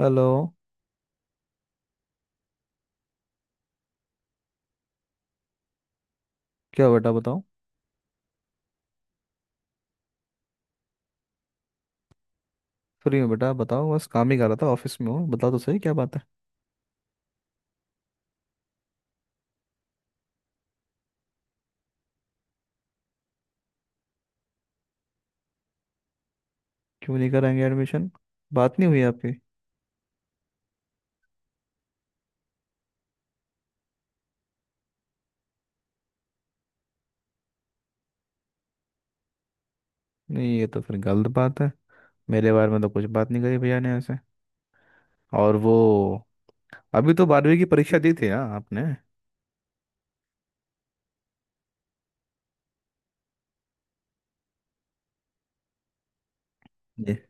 Hello. क्या हुआ बेटा, बताओ। फ्री हूँ बेटा, बताओ, बस काम ही कर रहा था, ऑफिस में हूँ। बताओ तो सही, क्या बात है? क्यों नहीं कराएंगे एडमिशन? बात नहीं हुई आपकी? नहीं, ये तो फिर गलत बात है। मेरे बारे में तो कुछ बात नहीं करी भैया ने ऐसे, और वो, अभी तो बारहवीं की परीक्षा दी थी ना आपने? ये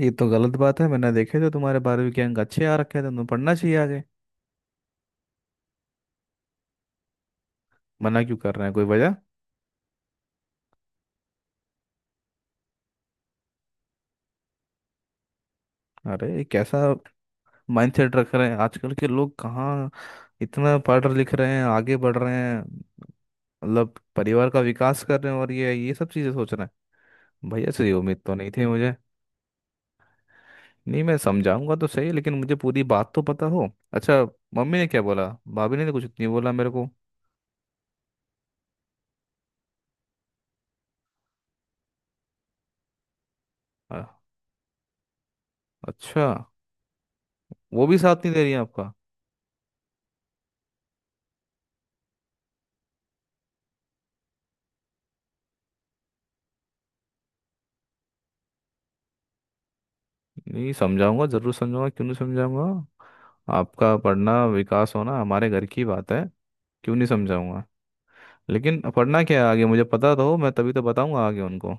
ये तो गलत बात है। मैंने देखे थे तुम्हारे 12वीं के अंक, अच्छे आ रखे थे, तुम्हें पढ़ना चाहिए आगे। मना क्यों कर रहे हैं, कोई वजह? अरे ये कैसा माइंडसेट रख रहे हैं, आजकल के लोग कहाँ इतना पढ़ लिख रहे हैं, आगे बढ़ रहे हैं, मतलब परिवार का विकास कर रहे हैं, और ये सब चीज़ें सोच रहे हैं। भैया से ये उम्मीद तो नहीं थी मुझे। नहीं, मैं समझाऊंगा तो सही, लेकिन मुझे पूरी बात तो पता हो। अच्छा, मम्मी ने क्या बोला? भाभी ने तो कुछ नहीं बोला मेरे को। अ- अच्छा, वो भी साथ नहीं दे रही है आपका? नहीं, समझाऊंगा, जरूर समझाऊंगा, क्यों नहीं समझाऊंगा। आपका पढ़ना, विकास होना हमारे घर की बात है, क्यों नहीं समझाऊंगा। लेकिन पढ़ना क्या है आगे, मुझे पता तो हो, मैं तभी तो बताऊंगा आगे उनको।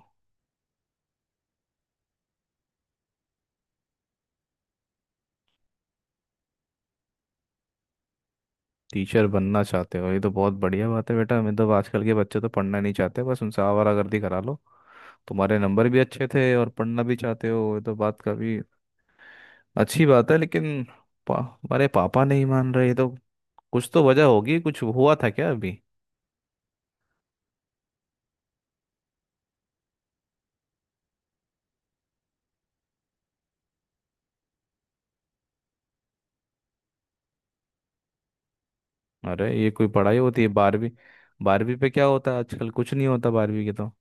टीचर बनना चाहते हो? ये तो बहुत बढ़िया बात है बेटा। मतलब आजकल के बच्चे तो पढ़ना नहीं चाहते, बस उनसे आवारागर्दी करा लो। तुम्हारे नंबर भी अच्छे थे और पढ़ना भी चाहते हो, ये तो बात काफी अच्छी बात है, लेकिन पा, हमारे पापा नहीं मान रहे, ये तो कुछ तो वजह होगी, कुछ हुआ था क्या अभी? अरे ये कोई पढ़ाई होती है, 12वीं? 12वीं पे क्या होता है आजकल? कुछ नहीं होता 12वीं के तो।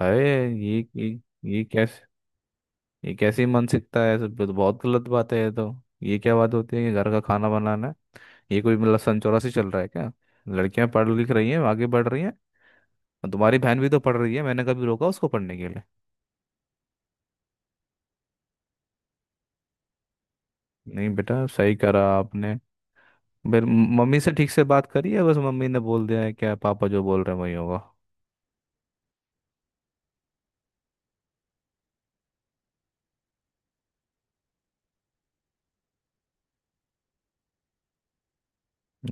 अरे ये कैसे ये कैसे मन सीखता है सब, तो बहुत गलत बात है ये तो। ये क्या बात होती है कि घर का खाना बनाना है? ये कोई मतलब सन 84 चल रहा है क्या? लड़कियां पढ़ लिख रही हैं, आगे बढ़ रही हैं, और तुम्हारी बहन भी तो पढ़ रही है, मैंने कभी रोका उसको पढ़ने के लिए? नहीं बेटा, सही करा आपने। फिर मम्मी से ठीक से बात करी है? बस मम्मी ने बोल दिया है क्या, पापा जो बोल रहे हैं वही होगा?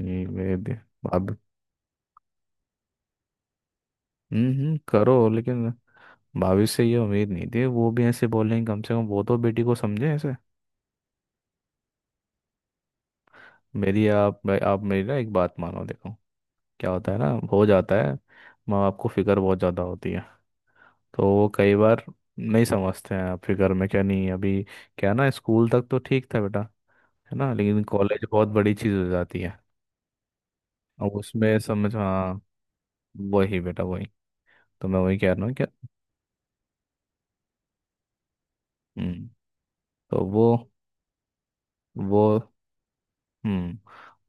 ये वे भी अब। हम्म, करो, लेकिन भाभी से ये उम्मीद नहीं थी, वो भी ऐसे बोलेंगे, कम से कम वो तो बेटी को समझे ऐसे। मेरी, आप मेरी ना एक बात मानो, देखो क्या होता है ना, हो जाता है। माँ बाप को फिक्र बहुत ज़्यादा होती है, तो वो कई बार नहीं समझते हैं। आपके घर में क्या नहीं है। अभी क्या है ना, स्कूल तक तो ठीक था बेटा, है ना, लेकिन कॉलेज बहुत बड़ी चीज़ हो जाती है। अब उसमें समझ, हाँ, वही बेटा वही, तो मैं वही कह रहा हूँ क्या। हम्म। तो वो हम्म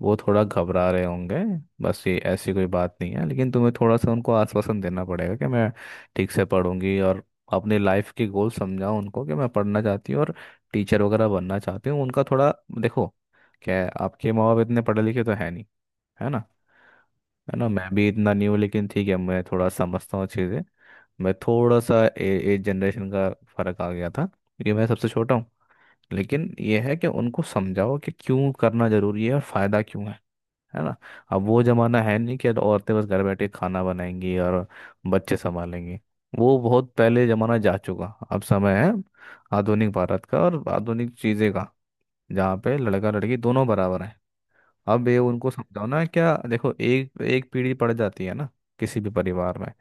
वो थोड़ा घबरा रहे होंगे, बस ये ऐसी कोई बात नहीं है, लेकिन तुम्हें थोड़ा सा उनको आश्वासन देना पड़ेगा कि मैं ठीक से पढ़ूंगी और अपने लाइफ के गोल समझाओ उनको कि मैं पढ़ना चाहती हूँ और टीचर वगैरह बनना चाहती हूँ। उनका थोड़ा देखो क्या है, आपके माँ बाप इतने पढ़े लिखे तो है नहीं, है ना? है ना, मैं भी इतना नहीं हूँ, लेकिन ठीक है, मैं थोड़ा समझता हूँ चीज़ें। मैं थोड़ा सा एज जनरेशन का फर्क आ गया था, क्योंकि मैं सबसे छोटा हूँ। लेकिन ये है कि उनको समझाओ कि क्यों करना जरूरी है और फायदा क्यों है ना। अब वो जमाना है नहीं कि अब औरतें बस घर बैठे खाना बनाएंगी और बच्चे संभालेंगी, वो बहुत पहले जमाना जा चुका। अब समय है आधुनिक भारत का और आधुनिक चीजें का, जहाँ पे लड़का लड़की दोनों बराबर हैं। अब ये उनको समझाओ ना, क्या, देखो एक एक पीढ़ी पड़ जाती है ना किसी भी परिवार में,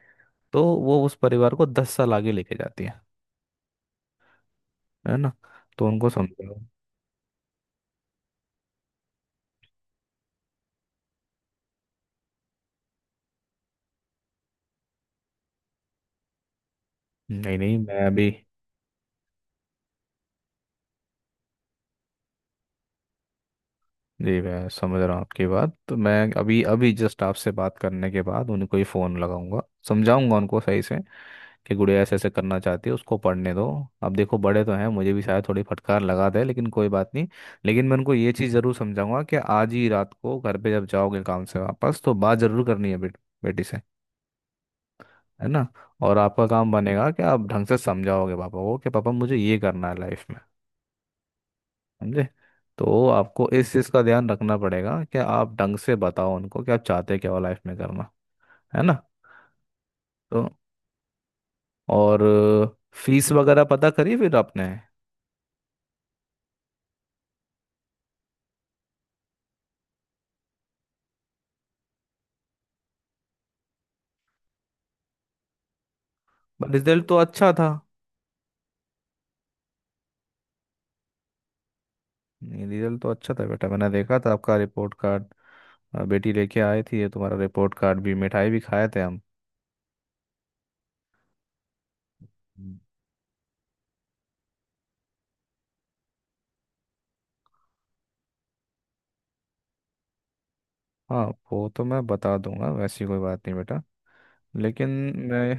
तो वो उस परिवार को 10 साल आगे लेके जाती है ना, तो उनको समझाओ। नहीं नहीं, मैं अभी, जी मैं समझ रहा हूँ आपकी बात, तो मैं अभी अभी जस्ट आपसे बात करने के बाद उनको ही फ़ोन लगाऊंगा, समझाऊंगा उनको सही से कि गुड़िया ऐसे ऐसे करना चाहती है, उसको पढ़ने दो। अब देखो बड़े तो हैं, मुझे भी शायद थोड़ी फटकार लगा दे, लेकिन कोई बात नहीं, लेकिन मैं उनको ये चीज़ ज़रूर समझाऊंगा कि आज ही रात को घर पे जब जाओगे काम से वापस तो बात ज़रूर करनी है बेटी से, है ना। और आपका काम बनेगा कि आप ढंग से समझाओगे पापा को कि पापा मुझे ये करना है लाइफ में, समझे? तो आपको इस चीज़ का ध्यान रखना पड़ेगा कि आप ढंग से बताओ उनको कि आप चाहते क्या हो लाइफ में करना, है ना। तो, और फीस वगैरह पता करी फिर आपने? रिजल्ट तो अच्छा था। नहीं, रिजल्ट तो अच्छा था बेटा, मैंने देखा था आपका रिपोर्ट कार्ड, बेटी लेके आई थी ये तुम्हारा रिपोर्ट कार्ड, भी मिठाई भी खाए थे हम। हम्म। हाँ, वो तो मैं बता दूंगा, वैसी कोई बात नहीं बेटा, लेकिन मैं,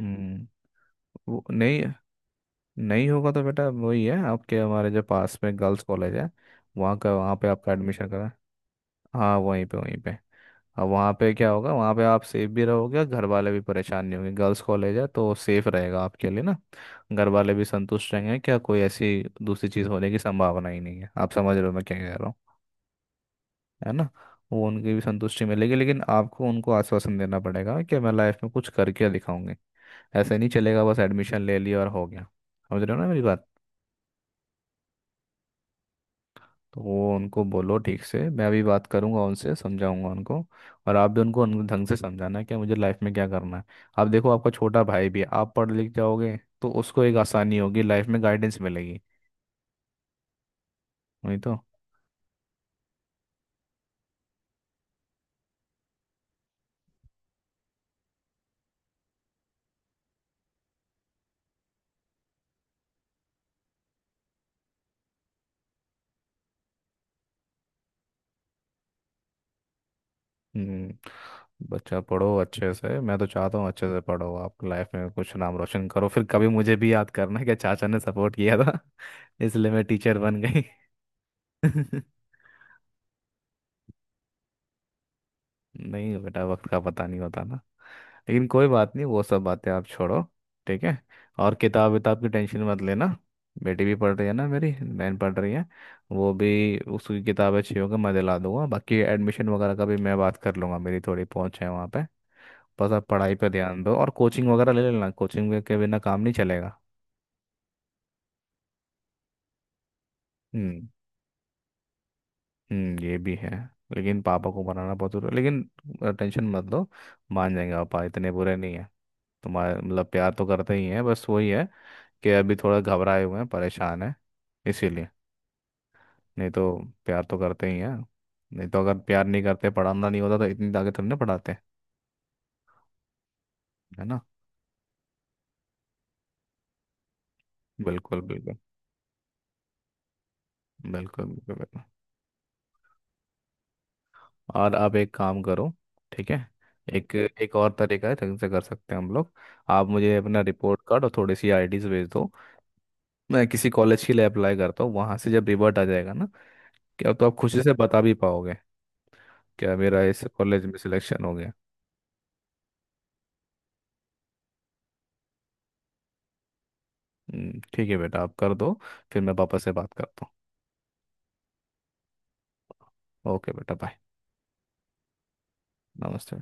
हम्म, वो नहीं, नहीं होगा तो बेटा वही है आपके हमारे जो पास में गर्ल्स कॉलेज है, वहाँ का, वहाँ पे आपका एडमिशन करा। हाँ, वहीं पे वहीं पे। अब वहाँ पे क्या होगा, वहाँ पे आप सेफ भी रहोगे और घर वाले भी परेशान नहीं होंगे, गर्ल्स कॉलेज है तो सेफ रहेगा आपके लिए ना। घर वाले भी संतुष्ट रहेंगे, क्या कोई ऐसी दूसरी चीज़ होने की संभावना ही नहीं है, आप समझ रहे हो मैं क्या कह रहा हूँ, है ना। वो उनकी भी संतुष्टि मिलेगी, लेकिन आपको उनको आश्वासन देना पड़ेगा कि मैं लाइफ में कुछ करके दिखाऊंगी, ऐसे नहीं चलेगा बस एडमिशन ले लिया और हो गया, समझ रहे हो ना मेरी बात? तो वो उनको बोलो ठीक से, मैं अभी बात करूंगा उनसे, समझाऊंगा उनको, और आप भी उनको ढंग से समझाना है कि मुझे लाइफ में क्या करना है। आप देखो, आपका छोटा भाई भी है, आप पढ़ लिख जाओगे तो उसको एक आसानी होगी, लाइफ में गाइडेंस मिलेगी, वही तो। हम्म। बच्चा पढ़ो अच्छे से, मैं तो चाहता हूँ अच्छे से पढ़ो आप, लाइफ में कुछ नाम रोशन करो, फिर कभी मुझे भी याद करना कि चाचा ने सपोर्ट किया था, इसलिए मैं टीचर बन गई। नहीं बेटा, वक्त का पता नहीं होता ना, लेकिन कोई बात नहीं, वो सब बातें आप छोड़ो। ठीक है, और किताब विताब की टेंशन मत लेना, बेटी भी पढ़ रही है ना, मेरी बहन पढ़ रही है, वो भी, उसकी किताबें अच्छी होगी मैं दिला दूंगा, बाकी एडमिशन वगैरह का भी मैं बात कर लूंगा, मेरी थोड़ी पहुंच है वहाँ पे। बस आप पढ़ाई पे ध्यान दो, और कोचिंग वगैरह ले लेना, कोचिंग के बिना काम नहीं चलेगा। हम्म। हम्म, ये भी है, लेकिन पापा को मनाना बहुत जरूरी है। लेकिन टेंशन मत लो, मान जाएंगे, पापा इतने बुरे नहीं है तुम्हारे, मतलब प्यार तो करते ही हैं, बस वही है कि अभी थोड़ा घबराए हुए हैं, परेशान है, इसीलिए। नहीं तो प्यार तो करते ही हैं, नहीं तो अगर प्यार नहीं करते, पढ़ाना नहीं होता तो इतनी आगे तुमने पढ़ाते, है ना। बिल्कुल बिल्कुल, बिल्कुल बिल्कुल बिल्कुल। और आप एक काम करो, ठीक है, एक एक और तरीका है जिनसे कर सकते हैं हम लोग, आप मुझे अपना रिपोर्ट कार्ड और थोड़ी सी आईडीज भेज दो। मैं किसी कॉलेज के लिए अप्लाई करता हूँ, वहाँ से जब रिवर्ट आ जाएगा ना, क्या तो आप खुशी से बता भी पाओगे क्या, मेरा इस कॉलेज में सिलेक्शन हो गया। ठीक है बेटा, आप कर दो, फिर मैं पापा से बात करता हूँ। ओके बेटा, बाय। नमस्ते।